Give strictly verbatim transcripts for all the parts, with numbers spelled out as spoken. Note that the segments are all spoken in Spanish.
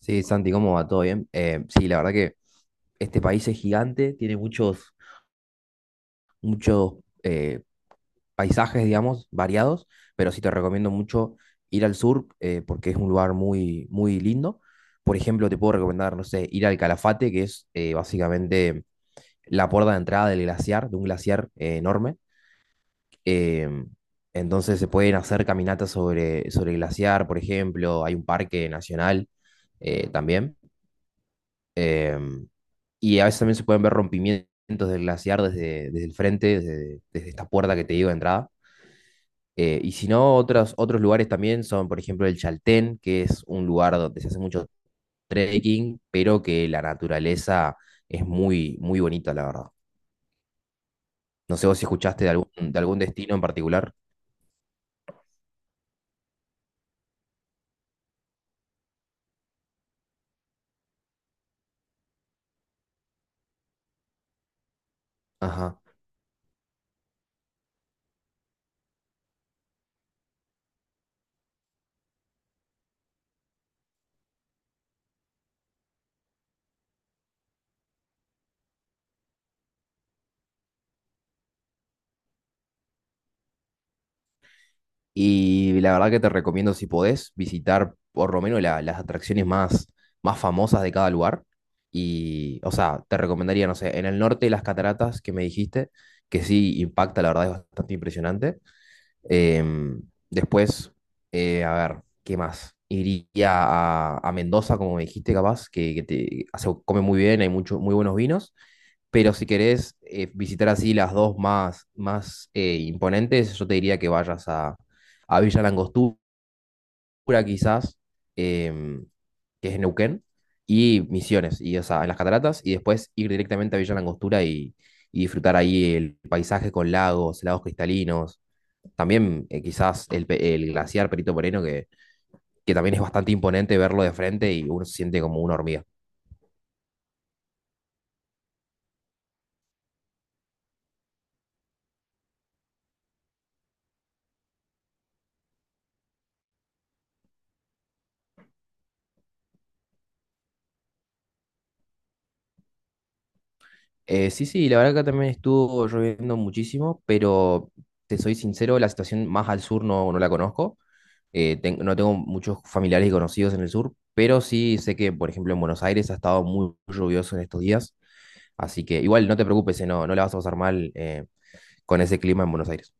Sí, Santi, ¿cómo va? ¿Todo bien? Eh, sí, la verdad que este país es gigante, tiene muchos, muchos eh, paisajes, digamos, variados, pero sí te recomiendo mucho ir al sur, eh, porque es un lugar muy, muy lindo. Por ejemplo, te puedo recomendar, no sé, ir al Calafate, que es eh, básicamente la puerta de entrada del glaciar, de un glaciar eh, enorme. Eh, entonces se pueden hacer caminatas sobre, sobre el glaciar, por ejemplo, hay un parque nacional eh, también. Em, y a veces también se pueden ver rompimientos del glaciar desde, desde el frente, desde, desde esta puerta que te digo de entrada. Eh, y si no, otros, otros lugares también son, por ejemplo, el Chaltén, que es un lugar donde se hace mucho trekking, pero que la naturaleza es muy, muy bonita, la verdad. No sé vos si escuchaste de algún, de algún destino en particular. Ajá. Y la verdad que te recomiendo, si podés, visitar por lo menos la- las atracciones más, más famosas de cada lugar. Y, o sea, te recomendaría, no sé, en el norte las cataratas que me dijiste, que sí impacta, la verdad es bastante impresionante. Em, después, eh, a ver, ¿qué más? Iría a, a Mendoza, como me dijiste, capaz, que, que te, se come muy bien, hay mucho, muy buenos vinos. Pero si querés eh, visitar así las dos más, más eh, imponentes, yo te diría que vayas a, a Villa Langostura, quizás, em, que es en Neuquén, y Misiones, y, o sea, en las cataratas, y después ir directamente a Villa Langostura y, y disfrutar ahí el paisaje con lagos, lagos cristalinos, también eh, quizás el, pe- el glaciar Perito Moreno, que, que también es bastante imponente verlo de frente y uno se siente como una hormiga. Eh, sí, sí, la verdad que acá también estuvo lloviendo muchísimo, pero te soy sincero, la situación más al sur no, no la conozco. Eh, ten- no tengo muchos familiares y conocidos en el sur, pero sí sé que, por ejemplo, en Buenos Aires ha estado muy lluvioso en estos días. Así que igual no te preocupes, eh, no, no la vas a pasar mal eh, con ese clima en Buenos Aires.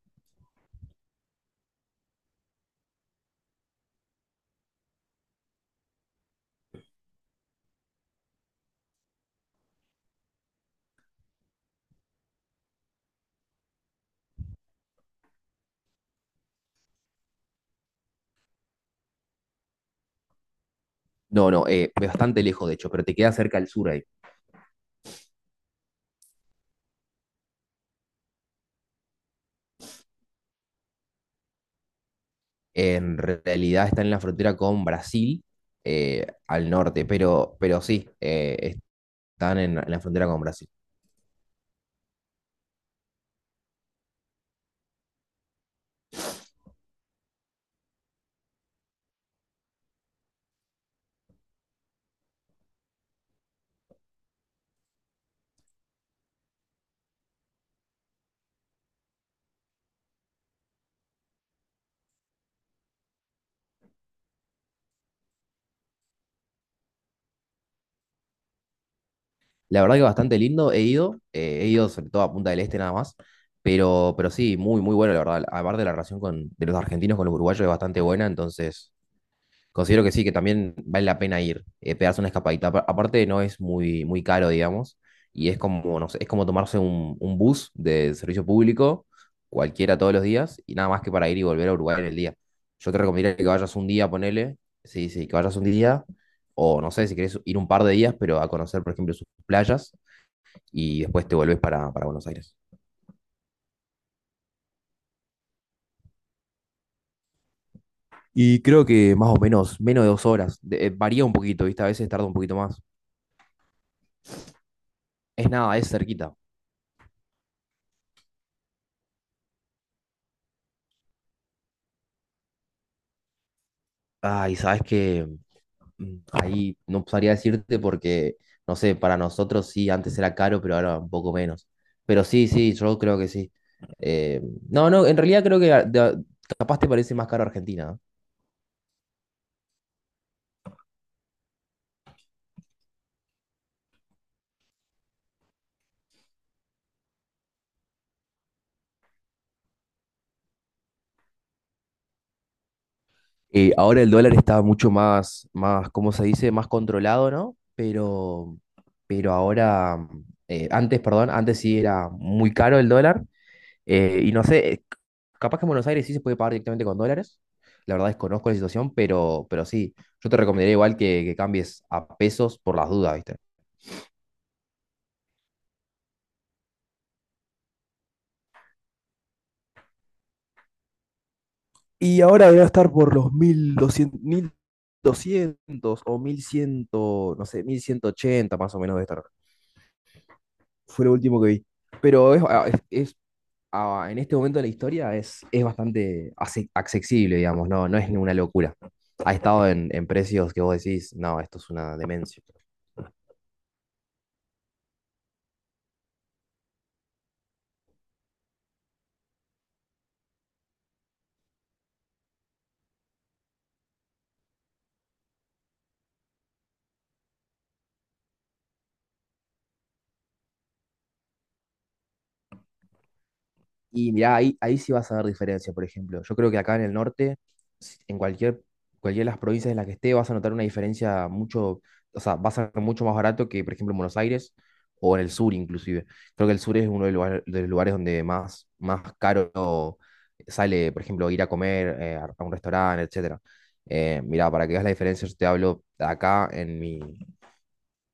No, no, eh, bastante lejos, de hecho, pero te queda cerca al sur ahí. En realidad está en la frontera con Brasil eh, al norte, pero, pero sí, eh, están en, en la frontera con Brasil. La verdad que bastante lindo, he ido, eh, he ido sobre todo a Punta del Este nada más, pero, pero sí, muy, muy bueno, la verdad. Aparte de la relación con, de los argentinos con los uruguayos es bastante buena, entonces considero que sí, que también vale la pena ir, eh, pegarse una escapadita. Apa- Aparte, no es muy, muy caro, digamos, y es como, no sé, es como tomarse un, un bus de servicio público, cualquiera todos los días, y nada más que para ir y volver a Uruguay en el día. Yo te recomendaría que vayas un día, ponele, sí, sí, que vayas un día, o no sé, si querés ir un par de días, pero a conocer, por ejemplo, sus playas, y después te volvés para, para Buenos Aires. Y creo que más o menos, menos de dos horas. De- eh, varía un poquito, ¿viste? A veces tarda un poquito más. Es nada, es cerquita. Ay, ¿sabes qué? Mm, Ahí no sabría decirte porque, no sé, para nosotros sí, antes era caro, pero ahora un poco menos. Pero sí, sí, yo creo que sí. Eh, no, no, en realidad creo que a- de- ah, capaz te parece más caro Argentina. ¿No? Eh, ahora el dólar está mucho más, más, ¿cómo se dice? Más controlado, ¿no? Pero, pero ahora, eh, antes, perdón, antes sí era muy caro el dólar. eh, y no sé, capaz que en Buenos Aires sí se puede pagar directamente con dólares. La verdad desconozco la situación, pero, pero sí, yo te recomendaría igual que, que cambies a pesos por las dudas, ¿viste? Y ahora debe estar por los mil doscientos, mil doscientos o mil cien, no sé, mil ciento ochenta más o menos debe estar. Fue lo último que vi. Pero es, ah, es- es, ah, en este momento de la historia es, es bastante ace- accesible, digamos, no, no es ninguna locura. Ha estado en, en precios que vos decís, no, esto es una demencia. Y mirá, ahí, ahí sí vas a ver diferencia, por ejemplo. Yo creo que acá en el norte, si- en cualquier, cualquiera de las provincias en las que esté, vas a notar una diferencia mucho, o sea, va a ser mucho más barato que, por ejemplo, en Buenos Aires o en el sur inclusive. Creo que el sur es uno de, los lugar- de los lugares donde más, más caro sale, por ejemplo, ir a comer eh, a a un restaurante, etcétera. Eh, mirá, para que veas la diferencia, yo te hablo acá en mi,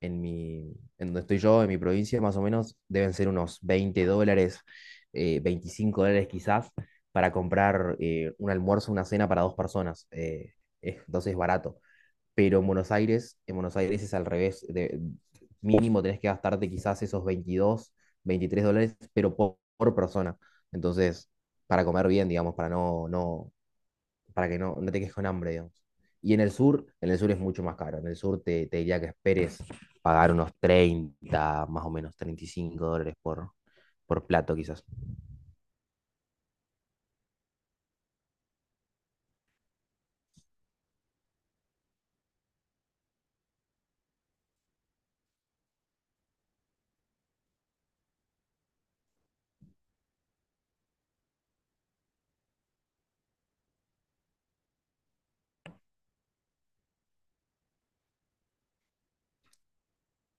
en mi, en donde estoy yo, en mi provincia, más o menos, deben ser unos veinte dólares, eh, veinticinco dólares quizás, para comprar eh, un almuerzo, una cena para dos personas. eh, es- entonces es barato. Pero en Buenos Aires, en Buenos Aires es al revés. De- mínimo tenés que gastarte quizás esos veintidós veintitrés dólares, pero po- por persona. Entonces, para comer bien, digamos, para no, no, para que no, no te quedes con hambre, digamos. Y en el sur, en el sur es mucho más caro. En el sur te, te diría que esperes pagar unos treinta más o menos treinta y cinco dólares por, por plato, quizás.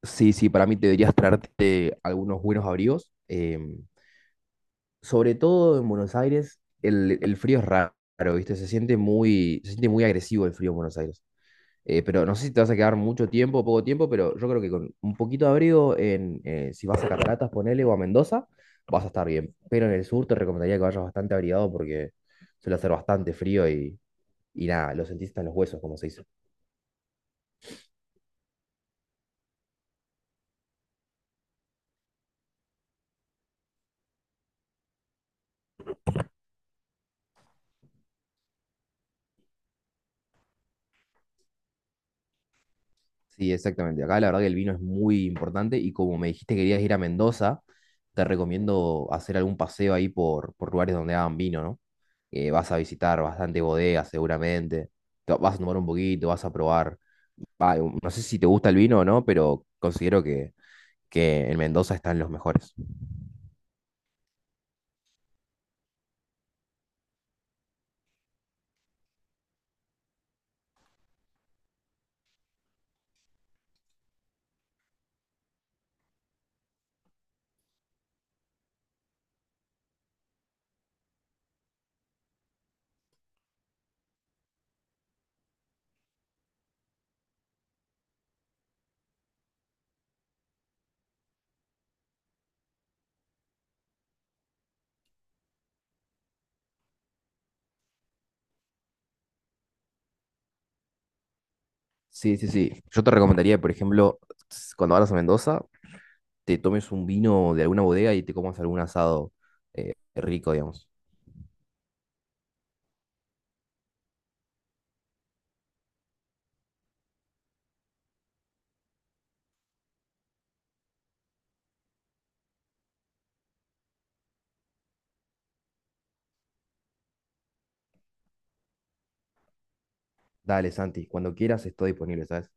Sí, sí, para mí te deberías traerte algunos buenos abrigos. Em, sobre todo en Buenos Aires, el, el frío es raro, ¿viste? Se siente muy, se siente muy agresivo el frío en Buenos Aires. Eh, pero no sé si te vas a quedar mucho tiempo o poco tiempo, pero yo creo que con un poquito de abrigo, en, eh, si vas a Cataratas, ponele, o a Mendoza, vas a estar bien. Pero en el sur te recomendaría que vayas bastante abrigado porque suele hacer bastante frío y, y nada, lo sentís hasta en los huesos, como se dice. Sí, exactamente. Acá la verdad que el vino es muy importante y como me dijiste que querías ir a Mendoza, te recomiendo hacer algún paseo ahí por, por lugares donde hagan vino, ¿no? Eh, vas a visitar bastante bodegas seguramente, te vas a tomar un poquito, vas a probar ah, no sé si te gusta el vino o no, pero considero que, que en Mendoza están los mejores. Sí, sí, sí. Yo te recomendaría, por ejemplo, s- cuando vayas a Mendoza, te tomes un vino de alguna bodega y te comas algún asado eh, rico, digamos. Dale, Santi, cuando quieras estoy disponible, ¿sabes?